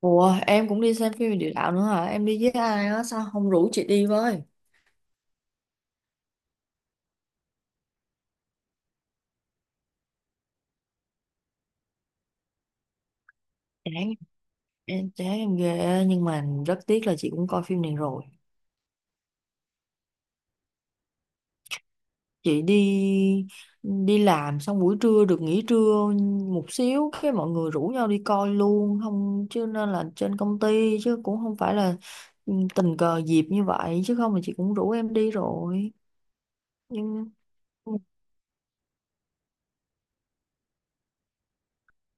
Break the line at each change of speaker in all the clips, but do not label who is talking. Ủa em cũng đi xem phim về địa đạo nữa hả? Em đi với ai á? Sao không rủ chị đi với? Chán em, chán em ghê, nhưng mà rất tiếc là chị cũng coi phim này rồi. Chị đi đi làm xong buổi trưa được nghỉ trưa một xíu, cái mọi người rủ nhau đi coi luôn không chứ, nên là trên công ty chứ cũng không phải là, tình cờ dịp như vậy, chứ không là chị cũng rủ em đi rồi. Nhưng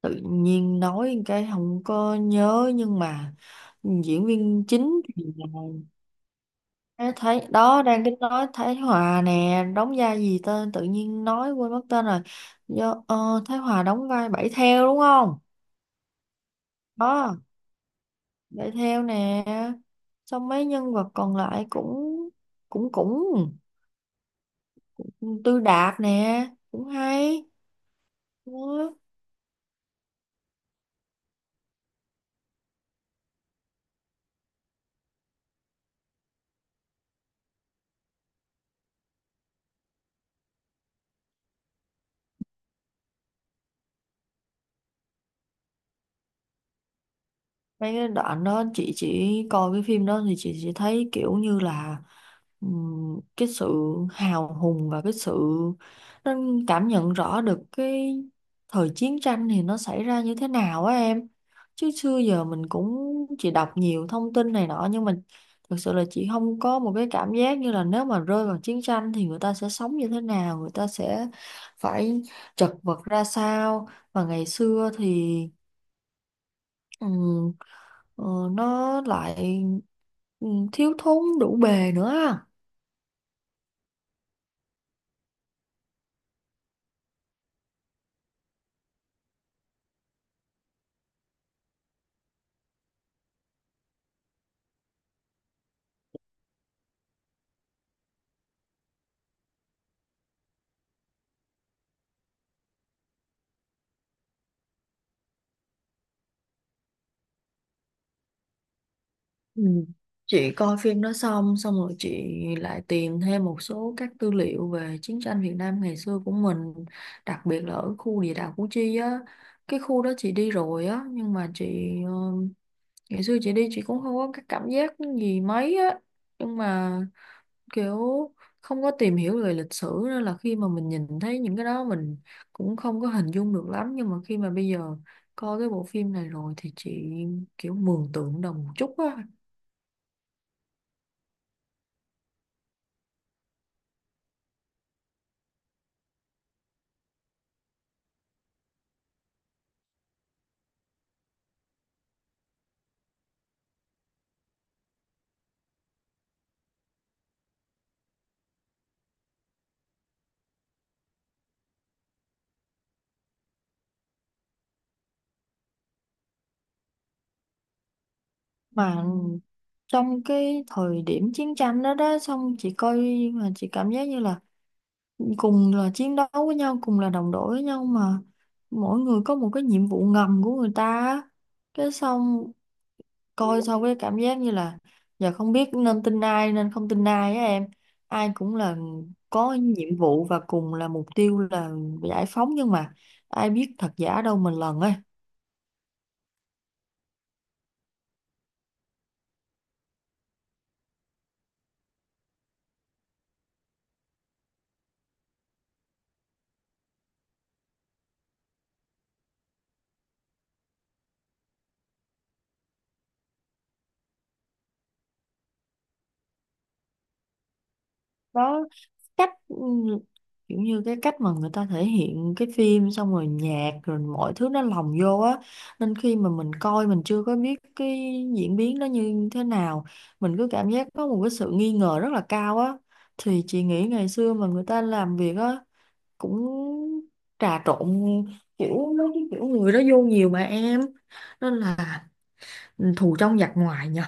tự nhiên nói cái không có nhớ, nhưng mà diễn viên chính thì là, ê, thấy đó, đang cái nói Thái Hòa nè đóng vai gì tên, tự nhiên nói quên mất tên rồi. Do, Thái Hòa đóng vai Bảy Theo đúng không, đó, Bảy Theo nè. Xong mấy nhân vật còn lại cũng cũng cũng, Tư Đạt nè cũng hay đó. Mấy cái đoạn đó chị chỉ coi cái phim đó, thì chị chỉ thấy kiểu như là, cái sự hào hùng và cái sự, nó cảm nhận rõ được cái thời chiến tranh thì nó xảy ra như thế nào á em. Chứ xưa giờ mình cũng chỉ đọc nhiều thông tin này nọ, nhưng mà thực sự là chị không có một cái cảm giác như là nếu mà rơi vào chiến tranh thì người ta sẽ sống như thế nào, người ta sẽ phải chật vật ra sao. Và ngày xưa thì, ừm, ờ, nó lại thiếu thốn đủ bề nữa á. Ừ. Chị coi phim đó xong xong rồi, chị lại tìm thêm một số các tư liệu về chiến tranh Việt Nam ngày xưa của mình, đặc biệt là ở khu địa đạo Củ Chi á. Cái khu đó chị đi rồi á, nhưng mà chị, ngày xưa chị đi chị cũng không có cái cảm giác gì mấy á, nhưng mà kiểu không có tìm hiểu về lịch sử, nên là khi mà mình nhìn thấy những cái đó mình cũng không có hình dung được lắm. Nhưng mà khi mà bây giờ coi cái bộ phim này rồi thì chị kiểu mường tượng được một chút á. Mà trong cái thời điểm chiến tranh đó đó, xong chị coi mà chị cảm giác như là cùng là chiến đấu với nhau, cùng là đồng đội với nhau, mà mỗi người có một cái nhiệm vụ ngầm của người ta á. Cái xong coi xong cái cảm giác như là giờ không biết nên tin ai nên không tin ai á em. Ai cũng là có nhiệm vụ và cùng là mục tiêu là giải phóng, nhưng mà ai biết thật giả đâu mình lần ấy. Đó, cách, kiểu như cái cách mà người ta thể hiện cái phim xong rồi nhạc rồi mọi thứ nó lồng vô á, nên khi mà mình coi mình chưa có biết cái diễn biến nó như thế nào, mình cứ cảm giác có một cái sự nghi ngờ rất là cao á. Thì chị nghĩ ngày xưa mà người ta làm việc á, cũng trà trộn kiểu mấy cái kiểu người đó vô nhiều mà em, nên là thù trong giặc ngoài nhờ.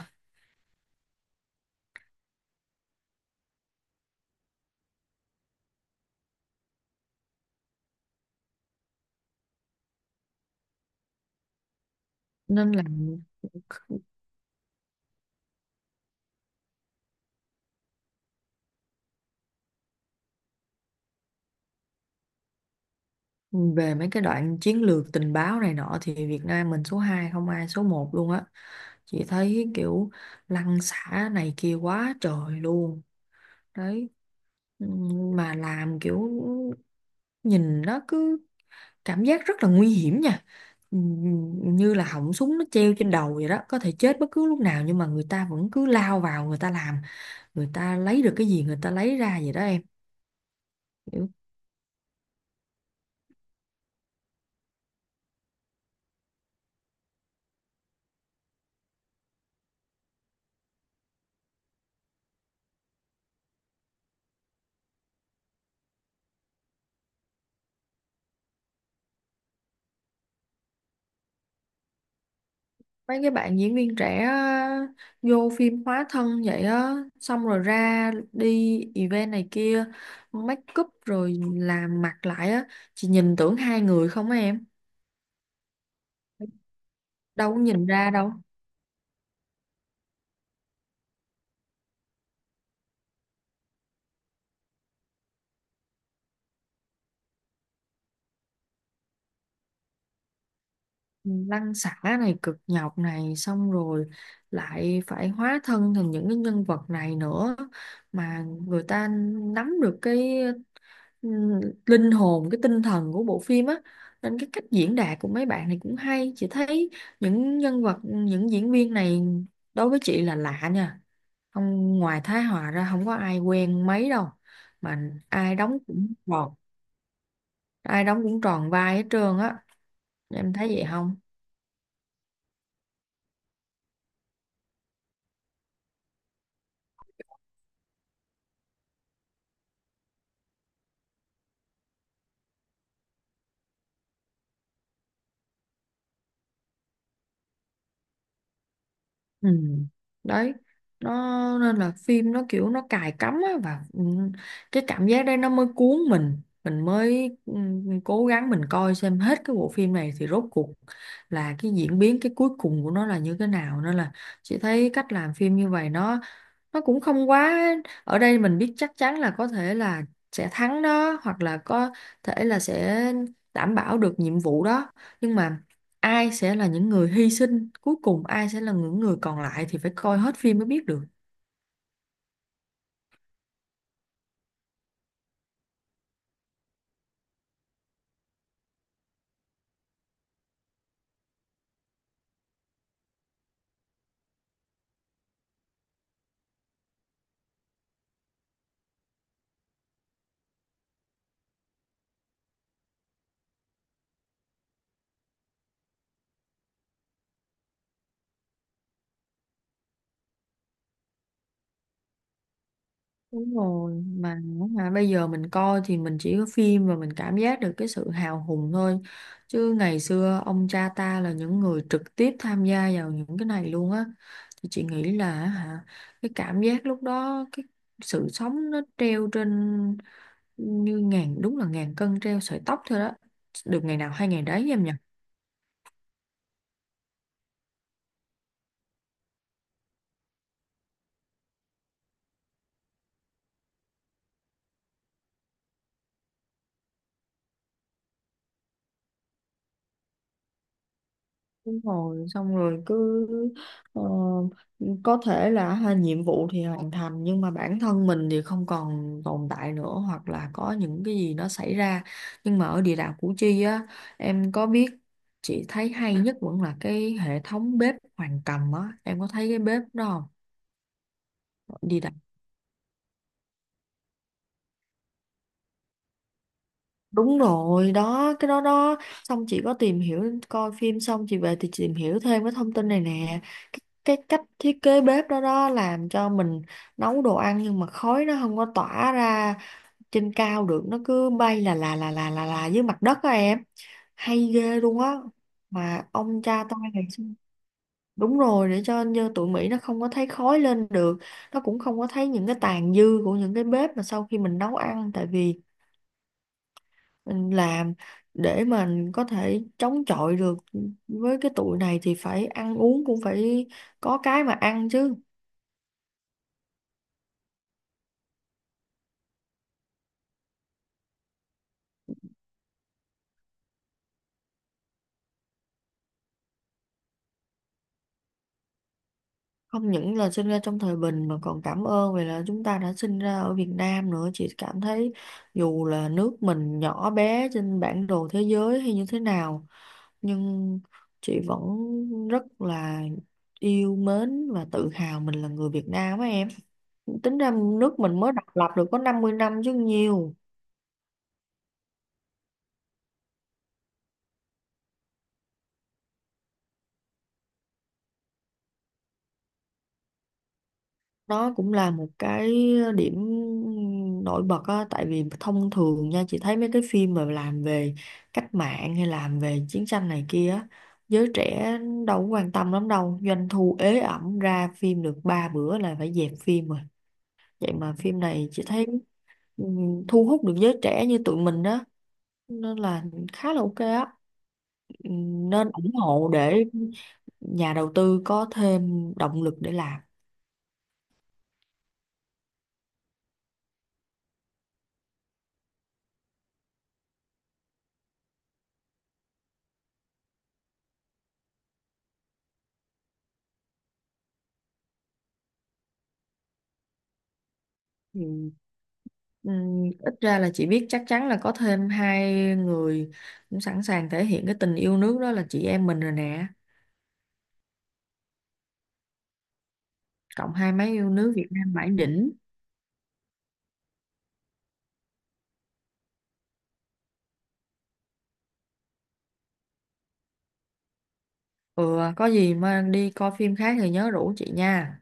Nên là về mấy cái đoạn chiến lược tình báo này nọ thì Việt Nam mình số 2 không ai số một luôn á. Chị thấy kiểu lăn xả này kia quá trời luôn đấy. Mà làm kiểu nhìn nó cứ cảm giác rất là nguy hiểm nha. Như là họng súng nó treo trên đầu vậy đó, có thể chết bất cứ lúc nào, nhưng mà người ta vẫn cứ lao vào người ta làm, người ta lấy được cái gì người ta lấy ra vậy đó em. Mấy cái bạn diễn viên trẻ á, vô phim hóa thân vậy á, xong rồi ra đi event này kia, make up rồi làm mặt lại á, chị nhìn tưởng hai người không á em, đâu có nhìn ra đâu. Lăn xả này cực nhọc này, xong rồi lại phải hóa thân thành những cái nhân vật này nữa, mà người ta nắm được cái linh hồn, cái tinh thần của bộ phim á, nên cái cách diễn đạt của mấy bạn này cũng hay. Chị thấy những nhân vật, những diễn viên này đối với chị là lạ nha, không ngoài Thái Hòa ra không có ai quen mấy đâu. Mà ai đóng cũng tròn, ai đóng cũng tròn vai hết trơn á, em thấy vậy không? Ừ. Đấy, nó nên là phim nó kiểu nó cài cắm á, và cái cảm giác đấy nó mới cuốn mình mới cố gắng mình coi xem hết cái bộ phim này thì rốt cuộc là cái diễn biến cái cuối cùng của nó là như thế nào. Nên là chị thấy cách làm phim như vậy nó cũng không quá ở đây mình biết chắc chắn là có thể là sẽ thắng đó, hoặc là có thể là sẽ đảm bảo được nhiệm vụ đó. Nhưng mà ai sẽ là những người hy sinh cuối cùng, ai sẽ là những người còn lại thì phải coi hết phim mới biết được. Đúng rồi, mà hả, bây giờ mình coi thì mình chỉ có phim và mình cảm giác được cái sự hào hùng thôi. Chứ ngày xưa ông cha ta là những người trực tiếp tham gia vào những cái này luôn á. Thì chị nghĩ là hả, cái cảm giác lúc đó, cái sự sống nó treo trên như ngàn, đúng là ngàn cân treo sợi tóc thôi đó. Được ngày nào hay ngày đấy em nhỉ? Đúng rồi, xong rồi cứ, ờ, có thể là ha, nhiệm vụ thì hoàn thành nhưng mà bản thân mình thì không còn tồn tại nữa, hoặc là có những cái gì nó xảy ra. Nhưng mà ở địa đạo Củ Chi á, em có biết, chị thấy hay nhất vẫn là cái hệ thống bếp Hoàng Cầm á, em có thấy cái bếp đó không? Địa đạo. Đúng rồi, đó, cái đó đó. Xong chị có tìm hiểu, coi phim xong chị về thì chị tìm hiểu thêm cái thông tin này nè. Cái cách thiết kế bếp đó đó làm cho mình nấu đồ ăn nhưng mà khói nó không có tỏa ra trên cao được. Nó cứ bay là dưới mặt đất á em. Hay ghê luôn á. Mà ông cha ta ngày xưa. Đúng rồi, để cho như tụi Mỹ nó không có thấy khói lên được. Nó cũng không có thấy những cái tàn dư của những cái bếp mà sau khi mình nấu ăn. Tại vì mình làm để mình có thể chống chọi được với cái tuổi này thì phải ăn uống cũng phải có cái mà ăn chứ. Không những là sinh ra trong thời bình mà còn cảm ơn vì là chúng ta đã sinh ra ở Việt Nam nữa. Chị cảm thấy dù là nước mình nhỏ bé trên bản đồ thế giới hay như thế nào, nhưng chị vẫn rất là yêu mến và tự hào mình là người Việt Nam á em. Tính ra nước mình mới độc lập được có 50 năm chứ nhiều. Đó cũng là một cái điểm nổi bật á, tại vì thông thường nha, chị thấy mấy cái phim mà làm về cách mạng hay làm về chiến tranh này kia á, giới trẻ đâu có quan tâm lắm đâu, doanh thu ế ẩm ra phim được ba bữa là phải dẹp phim rồi. Vậy mà phim này chị thấy, ừ, thu hút được giới trẻ như tụi mình đó, nên là khá là OK á. Ừ, nên ủng hộ để nhà đầu tư có thêm động lực để làm. Ừ. Ít ra là chị biết chắc chắn là có thêm hai người cũng sẵn sàng thể hiện cái tình yêu nước, đó là chị em mình rồi nè. Cộng hai mấy yêu nước, Việt Nam mãi đỉnh. Ừ, có gì mà đi coi phim khác thì nhớ rủ chị nha.